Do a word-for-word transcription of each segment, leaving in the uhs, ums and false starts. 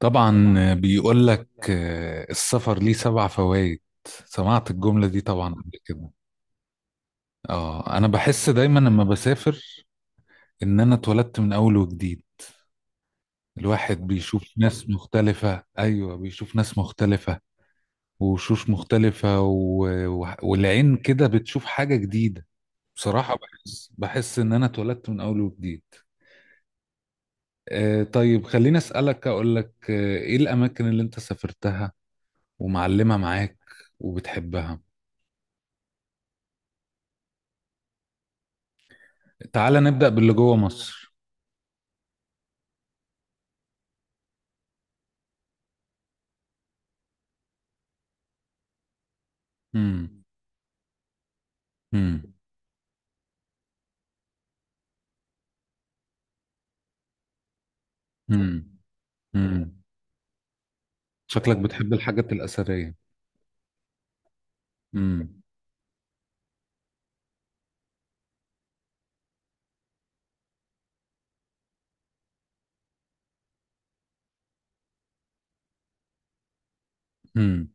طبعا بيقول لك آه، السفر ليه سبع فوائد. سمعت الجملة دي طبعا قبل كده. اه، انا بحس دايما لما بسافر ان انا اتولدت من اول وجديد. الواحد بيشوف ناس مختلفة، ايوه، بيشوف ناس مختلفة، وشوش مختلفة و... و... والعين كده بتشوف حاجة جديدة. بصراحة بحس بحس ان انا اتولدت من اول وجديد. آه طيب، خليني اسألك اقول لك، آه، ايه الاماكن اللي انت سافرتها ومعلمة معاك وبتحبها؟ تعالى نبدأ باللي جوه مصر. امم. امم. امم. امم. شكلك بتحب الحاجات الأثرية؟ امم. امم.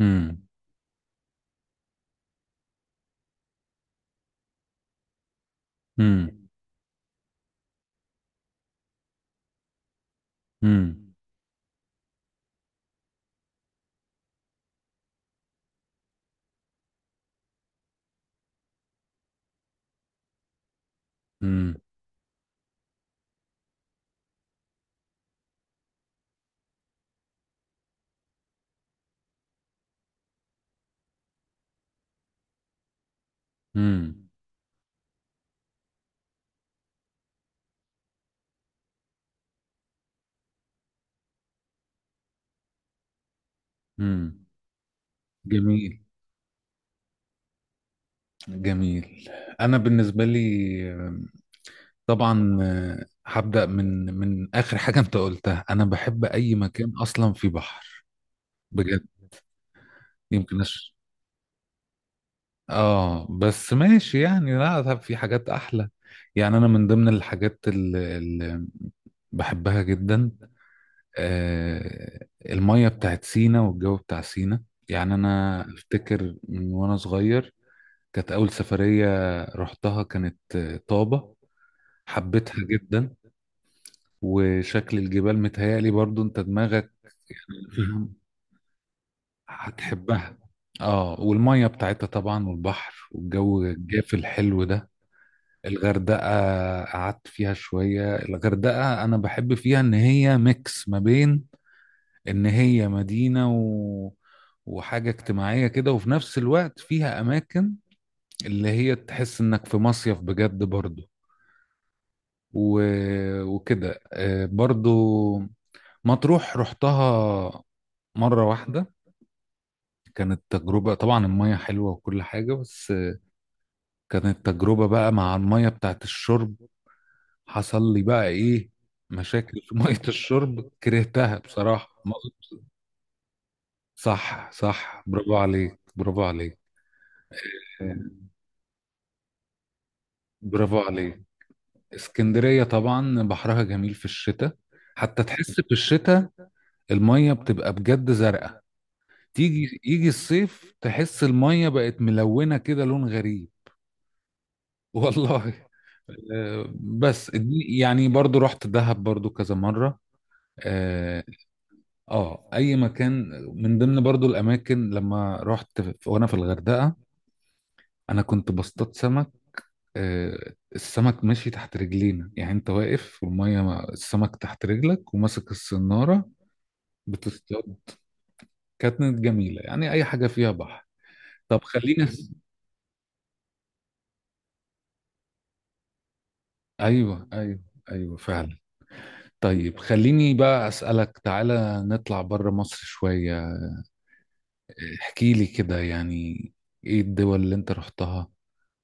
امم. امم. امم. امم. امم. امم. جميل. جميل. أنا بالنسبة لي، آه، طبعا، آه، هبدأ من من آخر حاجة أنت قلتها. أنا بحب أي مكان أصلا فيه بحر، بجد. يمكن أش... آه، بس ماشي يعني، لا، طب في حاجات أحلى. يعني انا من ضمن الحاجات بحبها جدا، آه، المية بتاعت سينا والجو بتاع سينا. يعني أنا أفتكر من وأنا صغير، كانت أول سفرية رحتها كانت، آه، طابة. حبيتها جدا. وشكل الجبال متهيألي برضو أنت دماغك يعني فاهم، هتحبها. اه، والمية بتاعتها طبعا، والبحر والجو الجاف الحلو ده. الغردقة قعدت فيها شوية. الغردقة أنا بحب فيها إن هي ميكس ما بين ان هي مدينة و... وحاجة اجتماعية كده، وفي نفس الوقت فيها اماكن اللي هي تحس انك في مصيف بجد برضو، و... وكده، آه، برضو مطروح رحتها مرة واحدة. كانت تجربة، طبعا المية حلوة وكل حاجة، بس كانت تجربة بقى مع المية بتاعت الشرب. حصل لي بقى ايه، مشاكل في مية الشرب. كرهتها بصراحة ما- صح، صح، برافو عليك، برافو عليك، برافو عليك. اسكندرية طبعا بحرها جميل في الشتاء، حتى تحس في الشتاء المية بتبقى بجد زرقاء. تيجي يجي الصيف تحس المية بقت ملونة كده، لون غريب. والله. آه، بس دي يعني برضو رحت دهب برضو كذا مرة. اه. آه، اي مكان من ضمن برضو الاماكن، لما رحت في- وانا في الغردقة، انا كنت بصطاد سمك. آه، السمك ماشي تحت رجلينا، يعني انت واقف والمية مع- السمك تحت رجلك وماسك الصنارة، بتصطاد. كانت جميلة، يعني أي حاجة فيها بحر. طب خليني أس... أيوه، أيوه، أيوه، فعلا. طيب، خليني بقى أسألك، تعالى نطلع بره مصر شوية. احكي لي كده يعني، إيه الدول اللي أنت رحتها،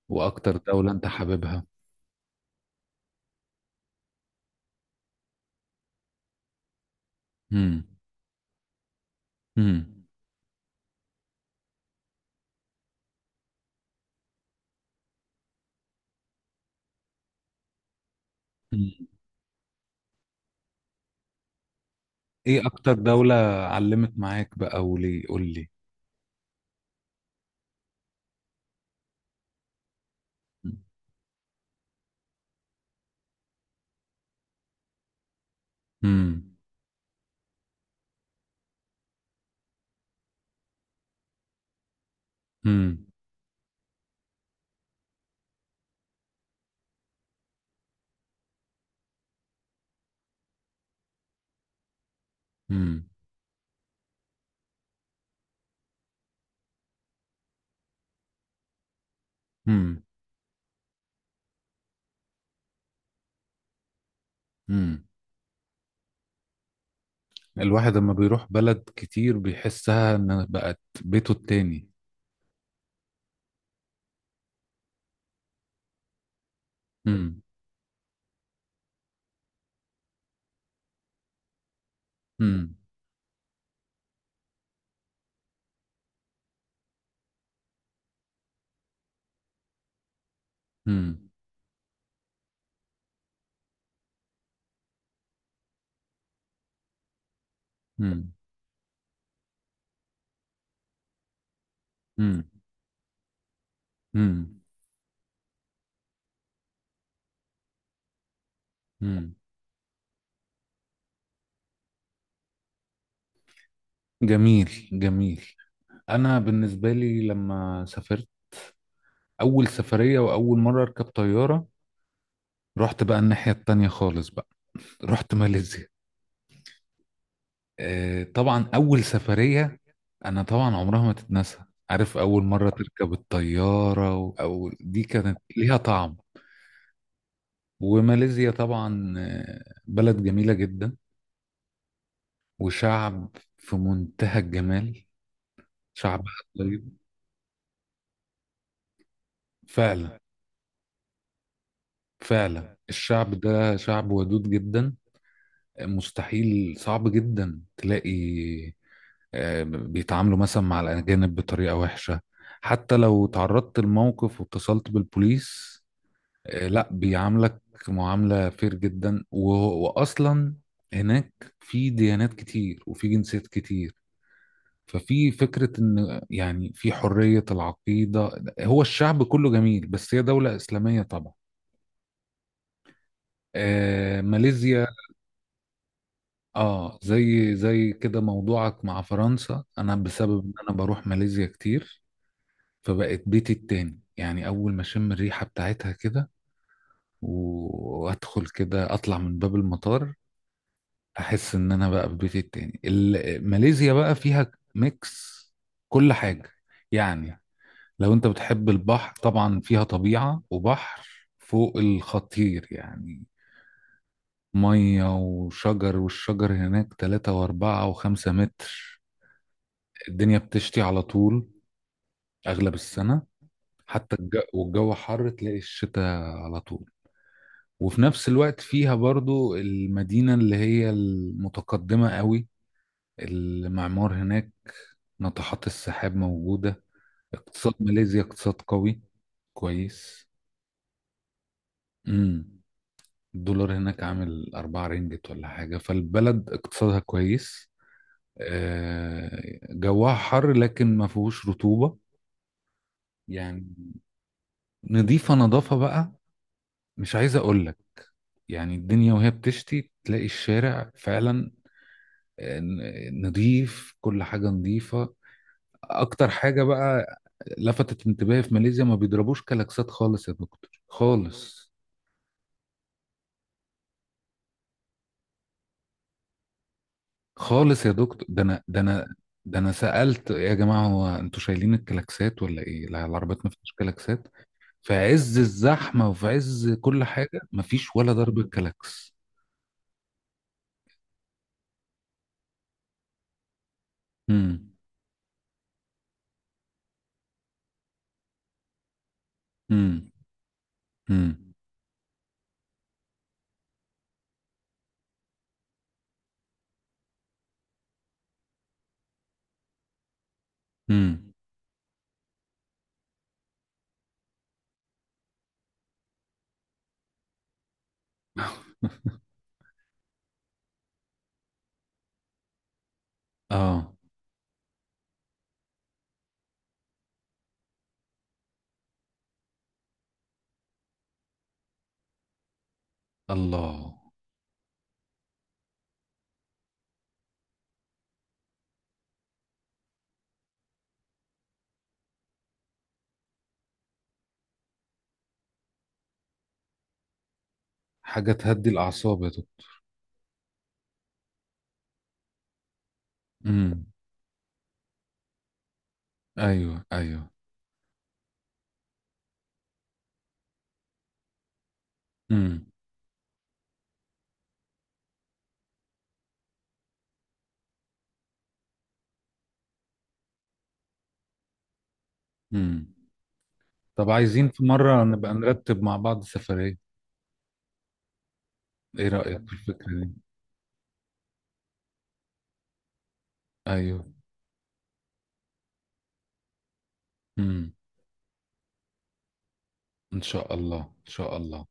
وأكتر دولة أنت حاببها؟ امم. امم. أمم. إيه أكتر دولة علمت معاك بقى وليه؟ قول لي. امم. امم. امم. امم. امم. الواحد لما بيروح بلد كتير بيحسها إن بقت بيته التاني. مم. مم. مم. مم. مم. مم. مم. جميل. جميل. انا بالنسبه لي لما سافرت اول سفريه واول مره اركب طياره، رحت بقى الناحيه التانية خالص بقى، رحت ماليزيا. آه، طبعا اول سفريه انا طبعا عمرها ما تتنسى. عارف اول مره تركب الطياره و... او دي كانت ليها طعم. وماليزيا طبعا، آه، بلد جميله جدا، وشعب في منتهى الجمال. شعب طيب، فعلا. فعلا الشعب ده شعب ودود جدا، مستحيل، صعب جدا تلاقي، آه، بيتعاملوا مثلا مع الأجانب بطريقة وحشة. حتى لو تعرضت لموقف واتصلت بالبوليس، آه، لا بيعاملك معاملة فير جدا. و- وأصلا هناك في ديانات كتير وفي جنسيات كتير، ففي فكرة إن يعني في حرية العقيدة. هو الشعب كله جميل بس هي دولة إسلامية طبعا. آه، ماليزيا. اه، زي زي كده موضوعك مع فرنسا، انا بسبب ان انا بروح ماليزيا كتير، فبقت بيتي التاني. يعني اول ما اشم الريحة بتاعتها كده و- وادخل كده اطلع من باب المطار، احس ان انا بقى في بيتي التاني. ال- ماليزيا بقى فيها ميكس كل حاجة يعني. لو انت بتحب البحر، طبعا فيها طبيعة وبحر فوق الخطير يعني، مية وشجر. والشجر هناك تلاتة وأربعة وخمسة متر. الدنيا بتشتي على طول، أغلب السنة. حتى الجو، والجو حر، تلاقي الشتاء على طول. وفي نفس الوقت فيها برضو المدينة اللي هي المتقدمة قوي، المعمار هناك، ناطحات السحاب موجودة. اقتصاد ماليزيا اقتصاد قوي، كويس. امم. الدولار هناك عامل أربعة رينجت ولا حاجة، فالبلد اقتصادها كويس. آه، جواها حر لكن ما فيهوش رطوبة يعني. نضيفة، نظافة بقى مش عايز اقول لك. يعني الدنيا وهي بتشتي تلاقي الشارع فعلا، آه، ن- نضيف، كل حاجة نضيفة. اكتر حاجة بقى لفتت انتباهي في ماليزيا، ما بيضربوش كلاكسات خالص يا دكتور، خالص، خالص يا دكتور. ده انا ده انا ده انا سألت يا جماعة، هو انتوا شايلين الكلاكسات ولا ايه؟ لا، العربيات ما فيهاش كلاكسات. في عز الزحمة وفي عز كل حاجة مفيش ولا ضربة كلاكس. امم. امم. امم. امم. اه. الله. حاجة تهدي الأعصاب يا دكتور. امم. ايوه، ايوه. امم. امم. طب عايزين في مرة نبقى نرتب مع بعض سفرية. ايه رأيك في الفكرة دي؟ ايوه. امم. ان شاء الله، ان شاء الله.